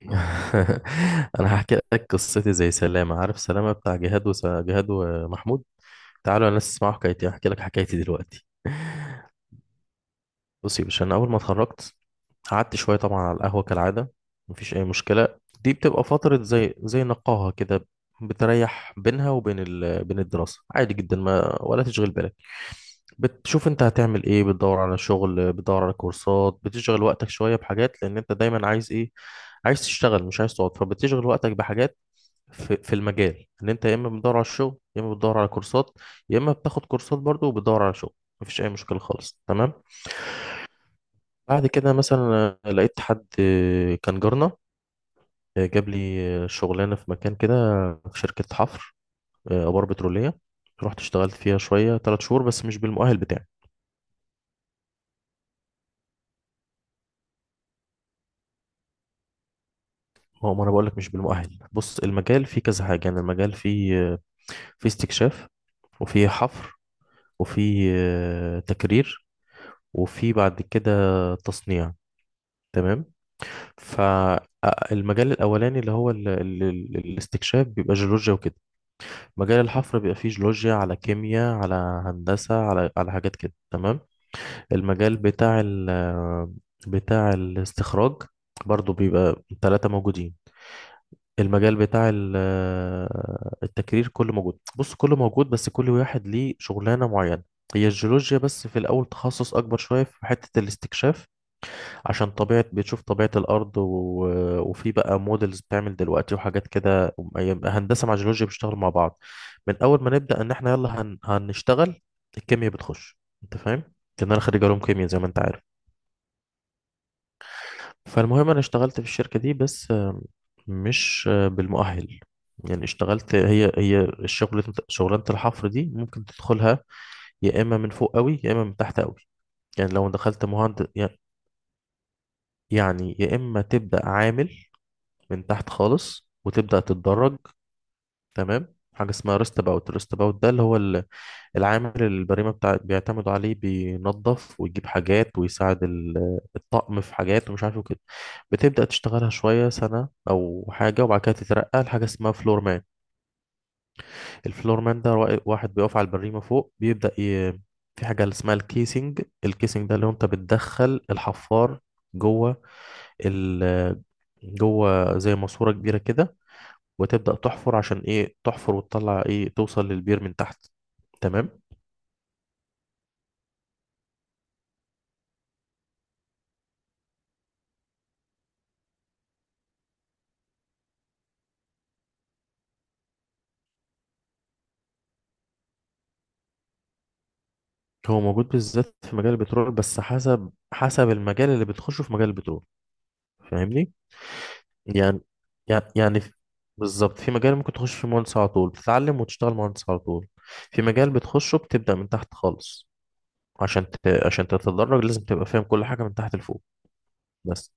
انا هحكي لك قصتي زي سلامه. عارف سلامه بتاع جهاد جهاد ومحمود. تعالوا الناس تسمعوا حكايتي. هحكي لك حكايتي دلوقتي. بصي يا باشا، انا اول ما اتخرجت قعدت شويه طبعا على القهوه كالعاده. مفيش اي مشكله. دي بتبقى فتره زي نقاهه كده، بتريح بينها وبين بين الدراسه، عادي جدا ما ولا تشغل بالك. بتشوف انت هتعمل ايه، بتدور على شغل، بتدور على كورسات، بتشغل وقتك شويه بحاجات، لان انت دايما عايز ايه؟ عايز تشتغل، مش عايز تقعد، فبتشغل وقتك بحاجات في المجال. ان انت يا اما بتدور على الشغل، يا اما بتدور على كورسات، يا اما بتاخد كورسات برضو وبتدور على شغل. مفيش اي مشكله خالص، تمام. بعد كده مثلا، لقيت حد، كان جارنا، جاب لي شغلانه في مكان كده، في شركه حفر، ابار بتروليه. رحت اشتغلت فيها شويه، 3 شهور، بس مش بالمؤهل بتاعي. ما هو ما انا بقول لك مش بالمؤهل. بص، المجال فيه كذا حاجه. يعني المجال فيه فيه استكشاف، وفيه حفر، وفيه تكرير، وفيه بعد كده تصنيع، تمام. فالمجال الأولاني اللي هو ال ال ال الاستكشاف بيبقى جيولوجيا وكده. مجال الحفر بيبقى فيه جيولوجيا على كيمياء على هندسة، على حاجات كده، تمام. المجال بتاع بتاع الاستخراج برضو بيبقى ثلاثة موجودين. المجال بتاع التكرير كله موجود. بص، كله موجود، بس كل واحد ليه شغلانة معينة. هي الجيولوجيا بس في الأول تخصص أكبر شوية في حتة الاستكشاف، عشان طبيعة بتشوف طبيعة الأرض وفي بقى موديلز بتعمل دلوقتي وحاجات كده. يبقى هندسة مع جيولوجيا بيشتغلوا مع بعض من أول ما نبدأ. إن إحنا يلا هنشتغل، الكيمياء بتخش. أنت فاهم؟ لأن أنا خريج علوم كيمياء زي ما أنت عارف. فالمهم أنا اشتغلت في الشركة دي، بس مش بالمؤهل. يعني اشتغلت هي الشغل. شغلانة الحفر دي ممكن تدخلها يا إما من فوق قوي يا إما من تحت قوي. يعني لو دخلت مهندس يعني، يعني يا إما تبدأ عامل من تحت خالص وتبدأ تتدرج، تمام. حاجة اسمها ريست باوت. ريست باوت ده اللي هو العامل اللي البريمة بتاع بيعتمدوا عليه، بينظف ويجيب حاجات ويساعد الطقم في حاجات ومش عارف إيه وكده. بتبدأ تشتغلها شوية سنة أو حاجة، وبعد كده تترقى لحاجة اسمها فلور مان. الفلور مان ده واحد بيقف على البريمة فوق، بيبدأ في حاجة اسمها الكيسنج. الكيسنج ده اللي هو انت بتدخل الحفار جوه ال... جوه زي ماسورة كبيرة كده، وتبدأ تحفر. عشان ايه تحفر وتطلع؟ ايه، توصل للبير من تحت، تمام. هو موجود بالذات في مجال البترول، بس حسب المجال اللي بتخشه في مجال البترول. فاهمني؟ يعني يعني بالظبط، في مجال ممكن تخش في مهندس على طول، بتتعلم وتشتغل مهندس على طول. في مجال بتخشه بتبدأ من تحت خالص، عشان ت... عشان تتدرج لازم تبقى فاهم كل حاجة من تحت لفوق. بس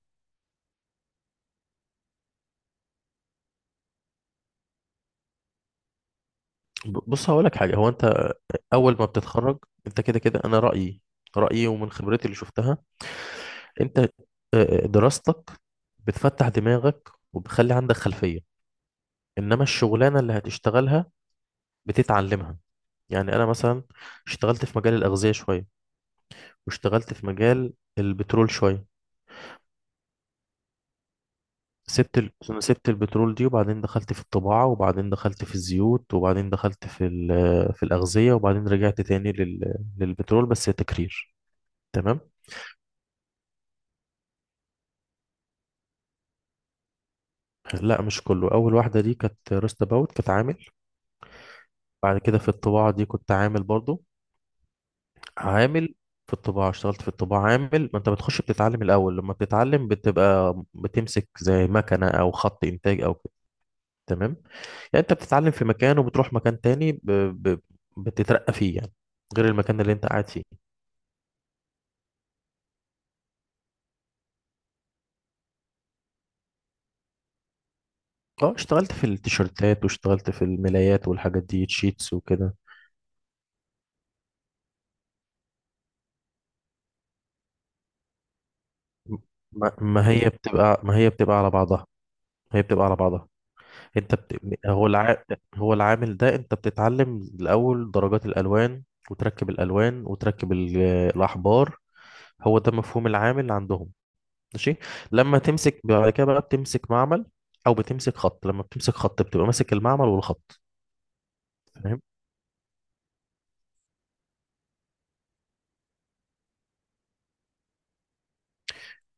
بص هقول لك حاجة. هو انت اول ما بتتخرج، انت كده كده، انا رأيي ومن خبرتي اللي شفتها، انت دراستك بتفتح دماغك وبتخلي عندك خلفية، انما الشغلانة اللي هتشتغلها بتتعلمها. يعني انا مثلا اشتغلت في مجال الأغذية شوية، واشتغلت في مجال البترول شوية. سبت أنا سبت البترول دي، وبعدين دخلت في الطباعة، وبعدين دخلت في الزيوت، وبعدين دخلت في في الأغذية، وبعدين رجعت تاني للبترول بس تكرير، تمام. لا، مش كله. اول واحدة دي كانت روست اباوت، كانت عامل. بعد كده في الطباعة دي كنت عامل برضو. عامل في الطباعة. اشتغلت في الطباعة عامل. ما انت بتخش بتتعلم الأول. لما بتتعلم بتبقى بتمسك زي مكنة أو خط إنتاج أو كده، تمام. يعني انت بتتعلم في مكان وبتروح مكان تاني بتترقى فيه يعني، غير المكان اللي انت قاعد فيه. اه، اشتغلت في التيشيرتات، واشتغلت في الملايات والحاجات دي، تشيتس وكده. ما هي بتبقى على بعضها. هي بتبقى على بعضها. انت بت... هو الع... هو العامل ده انت بتتعلم الاول درجات الالوان، وتركب الالوان، وتركب الاحبار. هو ده مفهوم العامل عندهم، ماشي. لما تمسك بعد كده بقى بتمسك معمل او بتمسك خط. لما بتمسك خط بتبقى ماسك المعمل والخط، فاهم.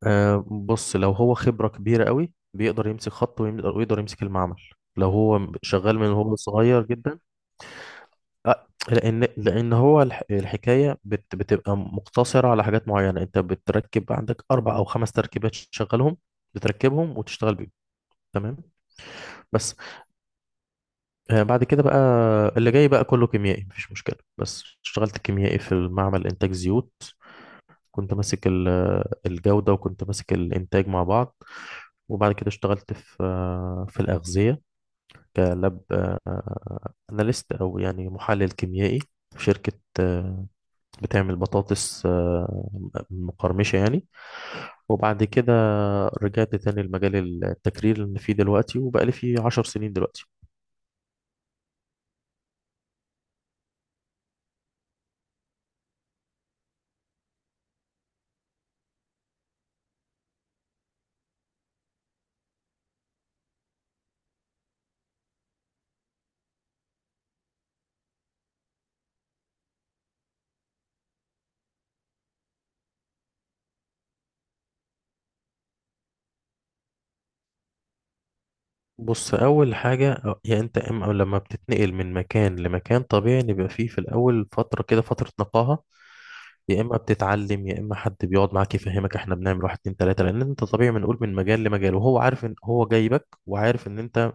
آه بص، لو هو خبرة كبيرة قوي بيقدر يمسك خط ويقدر، ويقدر يمسك المعمل لو هو شغال من هو صغير جدا. لان هو الحكايه بتبقى مقتصره على حاجات معينه. انت بتركب عندك اربع او خمس تركيبات تشغلهم، بتركبهم وتشتغل بيهم، تمام. بس بعد كده بقى، اللي جاي بقى كله كيميائي مفيش مشكله. بس اشتغلت كيميائي في المعمل، انتاج زيوت. كنت ماسك الجوده وكنت ماسك الانتاج مع بعض. وبعد كده اشتغلت في في الاغذيه، كلاب اناليست، او يعني محلل كيميائي، في شركه آه، بتعمل بطاطس مقرمشة يعني. وبعد كده رجعت تاني لمجال التكرير اللي أنا فيه دلوقتي، وبقالي فيه 10 سنين دلوقتي. بص، أول حاجة يعني أنت إما، لما بتتنقل من مكان لمكان طبيعي إن يبقى فيه في الأول فترة كده، فترة نقاهة. يا إما بتتعلم، يا إما حد بيقعد معاك يفهمك. إحنا بنعمل واحد اتنين تلاتة. لأن أنت طبيعي، بنقول من مجال لمجال، وهو عارف إن هو جايبك وعارف إن أنت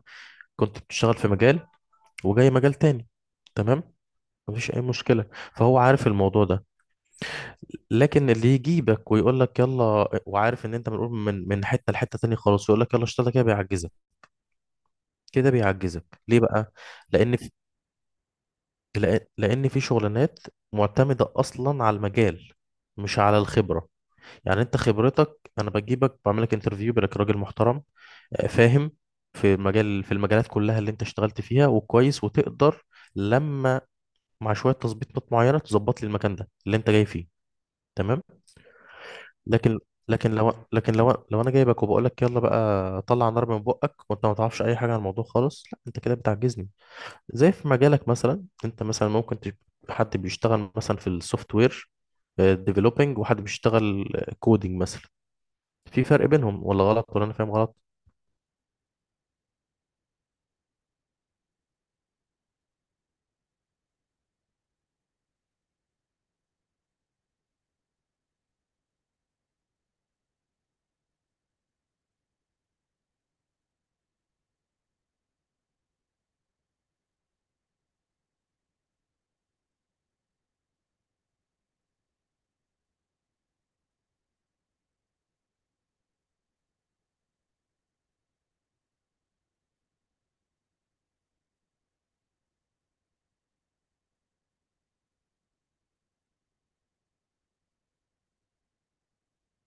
كنت بتشتغل في مجال وجاي مجال تاني، تمام. مفيش أي مشكلة. فهو عارف الموضوع ده. لكن اللي يجيبك ويقول لك يلا وعارف ان انت منقول من حته لحته تانية خالص، ويقول لك يلا اشتغل كده، بيعجزك. كده بيعجزك، ليه بقى؟ لان في، لان في شغلانات معتمده اصلا على المجال مش على الخبره. يعني انت خبرتك، انا بجيبك بعمل لك انترفيو، بالك راجل محترم، فاهم في المجال، في المجالات كلها اللي انت اشتغلت فيها وكويس، وتقدر لما، مع شويه تظبيطات معينه، تظبط لي المكان ده اللي انت جاي فيه، تمام. لكن، لكن لو انا جايبك وبقول لك يلا بقى طلع نار من بقك، وانت ما تعرفش اي حاجه عن الموضوع خالص، لا انت كده بتعجزني. زي في مجالك مثلا، انت مثلا ممكن حد بيشتغل مثلا في السوفت وير ديفلوبينج، وحد بيشتغل كودينج مثلا. في فرق بينهم ولا غلط، ولا انا فاهم غلط؟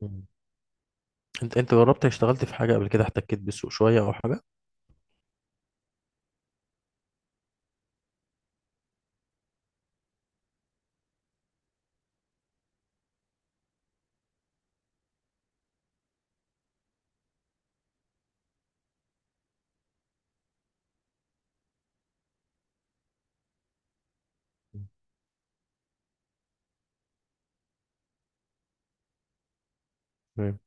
مم. انت جربت اشتغلت في حاجه قبل كده، احتكيت بالسوق شويه او حاجه؟ مم. تمام.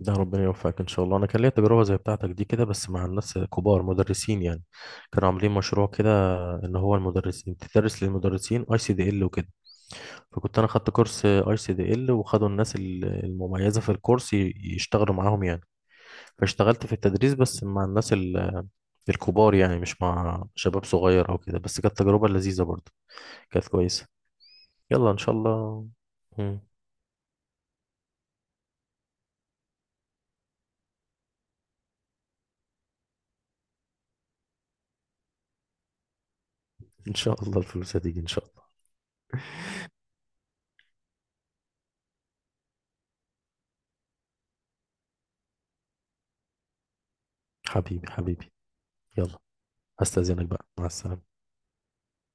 ده ربنا يوفقك ان شاء الله. انا كان ليا تجربه زي بتاعتك دي كده، بس مع الناس كبار، مدرسين يعني. كانوا عاملين مشروع كده ان هو المدرسين بتدرس للمدرسين ICDL وكده. فكنت انا خدت كورس ICDL، وخدوا الناس المميزه في الكورس يشتغلوا معاهم يعني. فاشتغلت في التدريس بس مع الناس الكبار يعني، مش مع شباب صغير او كده. بس كانت تجربه لذيذه برضه، كانت كويسه. يلا ان شاء الله. مم. ان شاء الله الفلوس هتيجي ان شاء الله. حبيبي حبيبي. يلا، هستأذنك بقى، مع السلامه.